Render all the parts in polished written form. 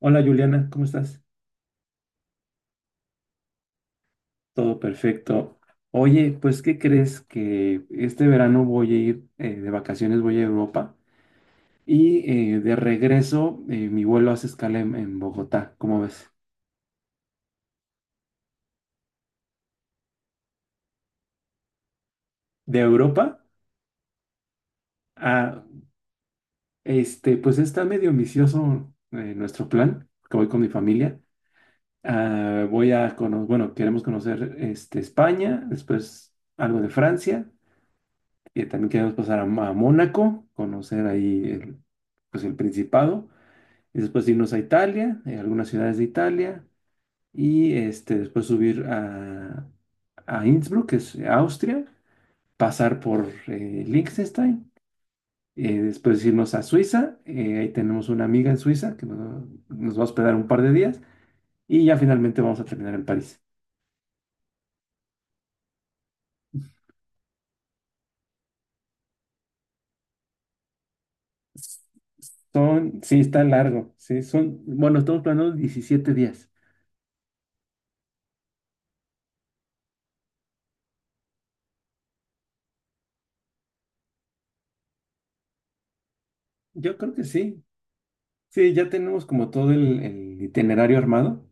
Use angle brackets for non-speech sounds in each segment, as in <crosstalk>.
Hola Juliana, ¿cómo estás? Todo perfecto. Oye, pues ¿qué crees que este verano voy a ir de vacaciones, voy a Europa y de regreso, mi vuelo hace escala en Bogotá, ¿cómo ves? De Europa a, este, pues está medio ambicioso, nuestro plan, que voy con mi familia. Ah, voy a conocer, bueno, queremos conocer este, España, después algo de Francia, y también queremos pasar a Mónaco, conocer ahí pues el Principado. Y después irnos a Italia, algunas ciudades de Italia, y este, después subir a Innsbruck, que es Austria, pasar por Liechtenstein, después irnos a Suiza. Ahí tenemos una amiga en Suiza que nos va a hospedar un par de días, y ya finalmente vamos a terminar en París. Son, sí, está largo, sí, son, bueno, estamos planeando 17 días. Yo creo que sí, sí, ya tenemos como todo el itinerario armado.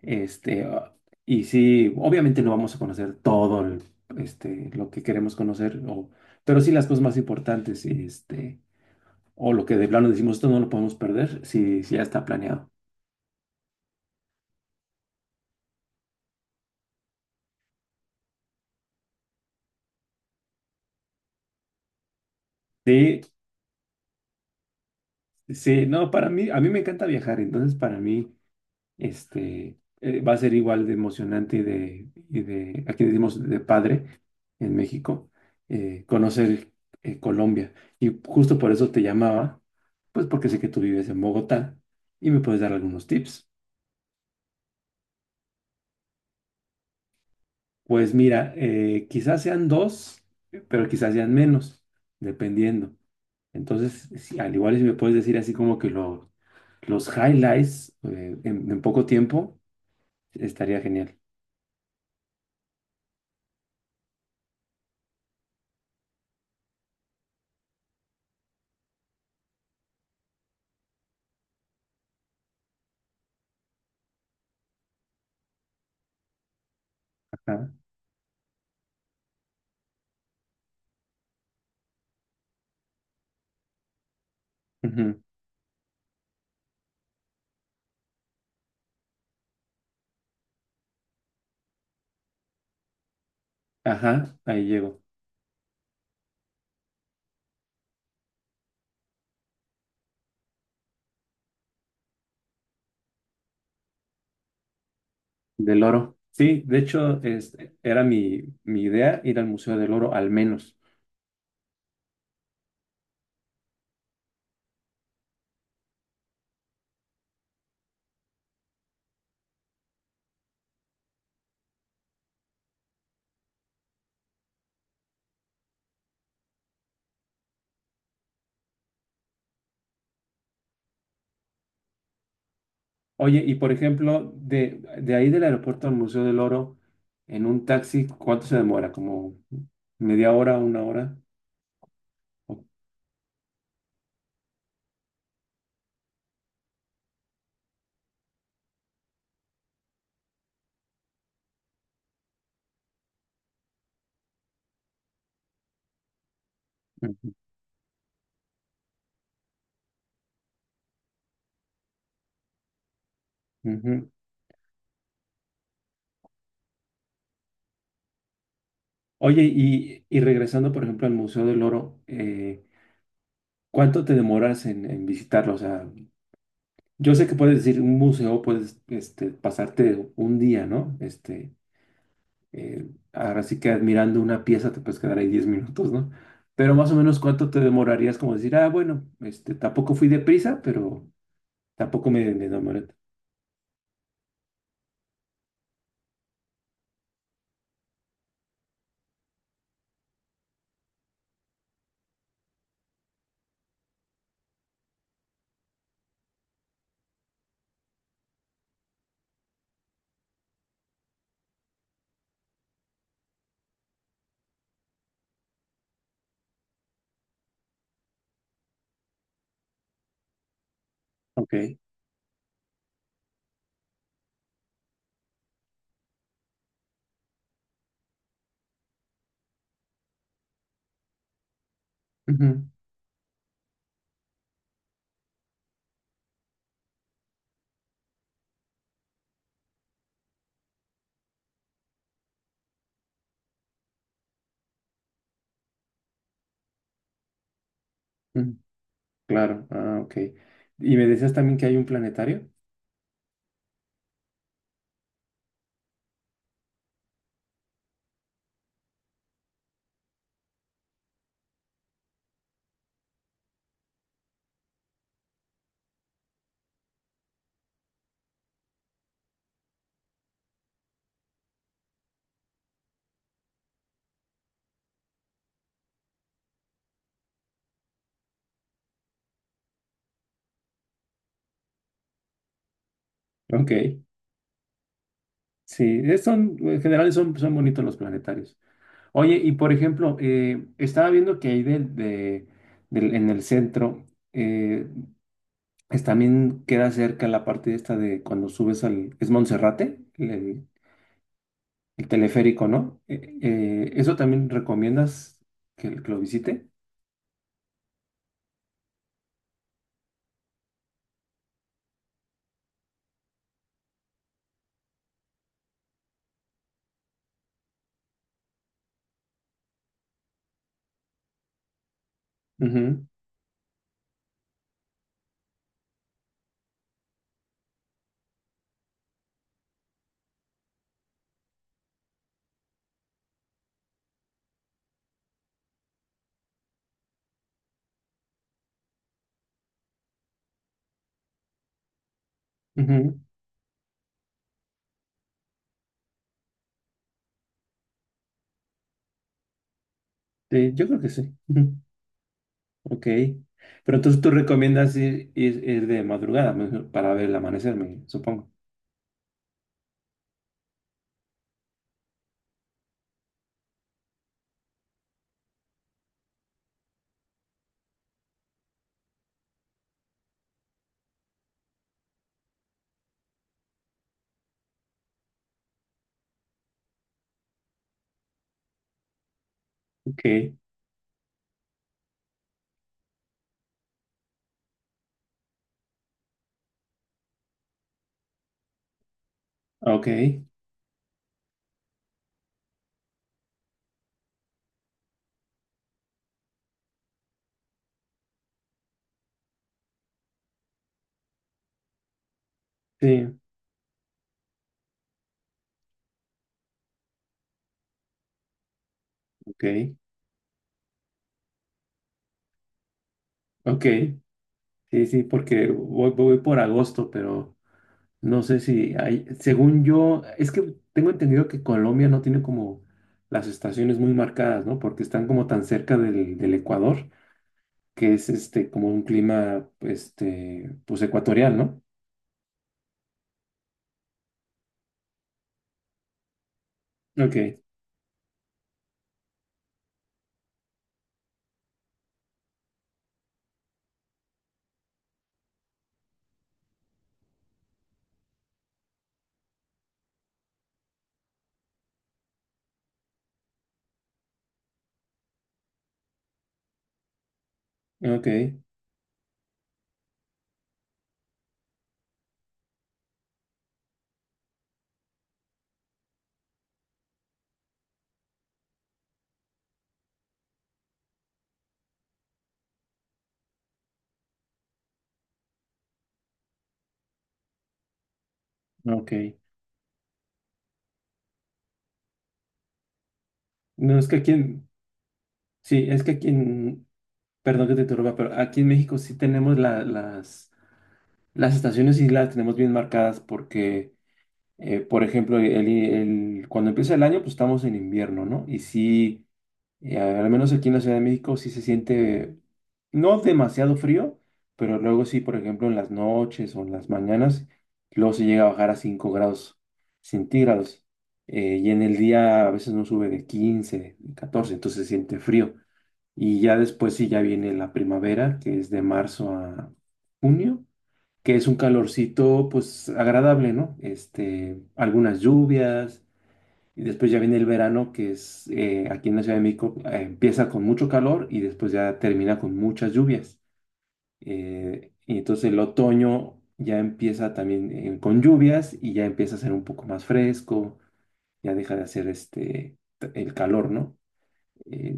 Este, ah, y sí, obviamente no vamos a conocer este, lo que queremos conocer, pero sí las cosas más importantes, este, o lo que de plano decimos, esto no lo podemos perder, si ya está planeado. Sí, sí, no, para mí, a mí me encanta viajar, entonces para mí. Este, va a ser igual de emocionante y de, aquí decimos de padre en México, conocer Colombia. Y justo por eso te llamaba, pues porque sé que tú vives en Bogotá y me puedes dar algunos tips. Pues mira, quizás sean dos, pero quizás sean menos, dependiendo. Entonces, al igual si me puedes decir así como que los highlights, en poco tiempo, estaría genial. Ajá. Ujú. Ajá, ahí llego. Del oro. Sí, de hecho, era mi idea ir al Museo del Oro al menos. Oye, y por ejemplo, de ahí del aeropuerto al Museo del Oro, en un taxi, ¿cuánto se demora? ¿Como media hora, una hora? O- Ujú, ujú. Oye, y regresando, por ejemplo, al Museo del Oro, ¿cuánto te demoras en visitarlo? O sea, yo sé que puedes decir un museo, puedes este, pasarte un día, ¿no? Este, ahora sí que admirando una pieza te puedes quedar ahí 10 minutos, ¿no? Pero más o menos cuánto te demorarías como decir, ah, bueno, este, tampoco fui deprisa, pero tampoco me demoré. Ok. Ujú, ujú, claro, ah, ok. Y me decías también que hay un planetario. Ok, sí, son, en general son, bonitos los planetarios. Oye, y por ejemplo, estaba viendo que ahí en el centro, eh, también queda cerca la parte esta de cuando subes al... Es Monserrate, teleférico, ¿no? ¿Eso también recomiendas que lo visite? Ujú, ujú. Sí, yo creo que sí. Ujú. Ok. Pero entonces tú recomiendas ir de madrugada, para ver el amanecer, me supongo. Ok, ok, sí, ok, ok. Sí, sí, porque voy por agosto, pero no sé si hay, según yo, es que tengo entendido que Colombia no tiene como las estaciones muy marcadas, ¿no? Porque están como tan cerca del Ecuador, que es este como un clima, este, pues ecuatorial, ¿no? Ok, ok, ok. No, es que aquí en, sí, es que aquí en, perdón que te interrumpa, pero aquí en México sí tenemos las estaciones y las tenemos bien marcadas porque... Por ejemplo, cuando empieza el año, pues estamos en invierno, ¿no? Y sí, al menos aquí en la Ciudad de México sí se siente no demasiado frío, pero luego sí, por ejemplo, en las noches o en las mañanas, luego se llega a bajar a 5 grados centígrados. Y en el día a veces no sube de 15, 14, entonces se siente frío. Y ya después sí, ya viene la primavera, que es de marzo a junio, que es un calorcito pues agradable, ¿no? Este, algunas lluvias, y después ya viene el verano, que es, aquí en la Ciudad de México, empieza con mucho calor y después ya termina con muchas lluvias. Y entonces el otoño ya empieza también, con lluvias, y ya empieza a ser un poco más fresco, ya deja de hacer el calor, ¿no? Eh,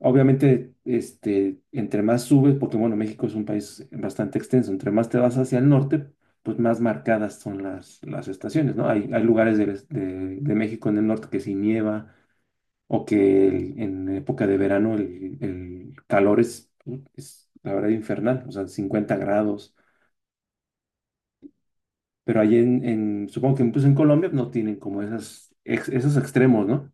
Obviamente, este, entre más subes, porque bueno, México es un país bastante extenso, entre más te vas hacia el norte, pues más marcadas son las estaciones, ¿no? Hay lugares de México en el norte que sí nieva o que en época de verano el calor es, la verdad, infernal, o sea, 50 grados, pero ahí en, supongo que incluso en Colombia no tienen como esos extremos, ¿no?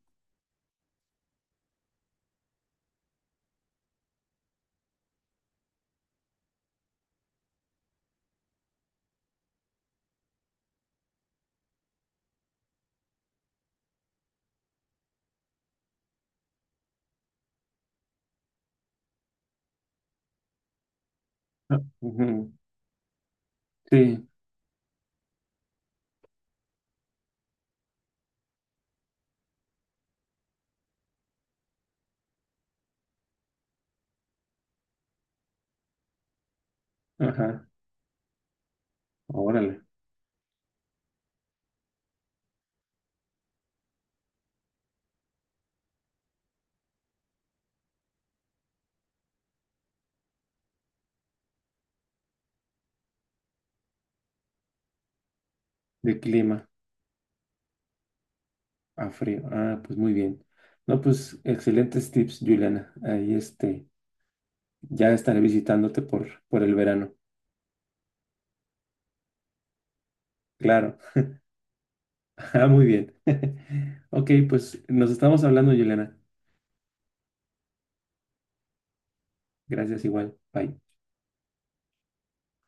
Ah, ujú, sí, ajá, órale, de clima. A frío. Ah, pues muy bien. No, pues excelentes tips, Juliana. Ahí este, ya estaré visitándote por, el verano. Claro. <laughs> Ah, muy bien. <laughs> Ok, pues nos estamos hablando, Juliana. Gracias igual. Bye.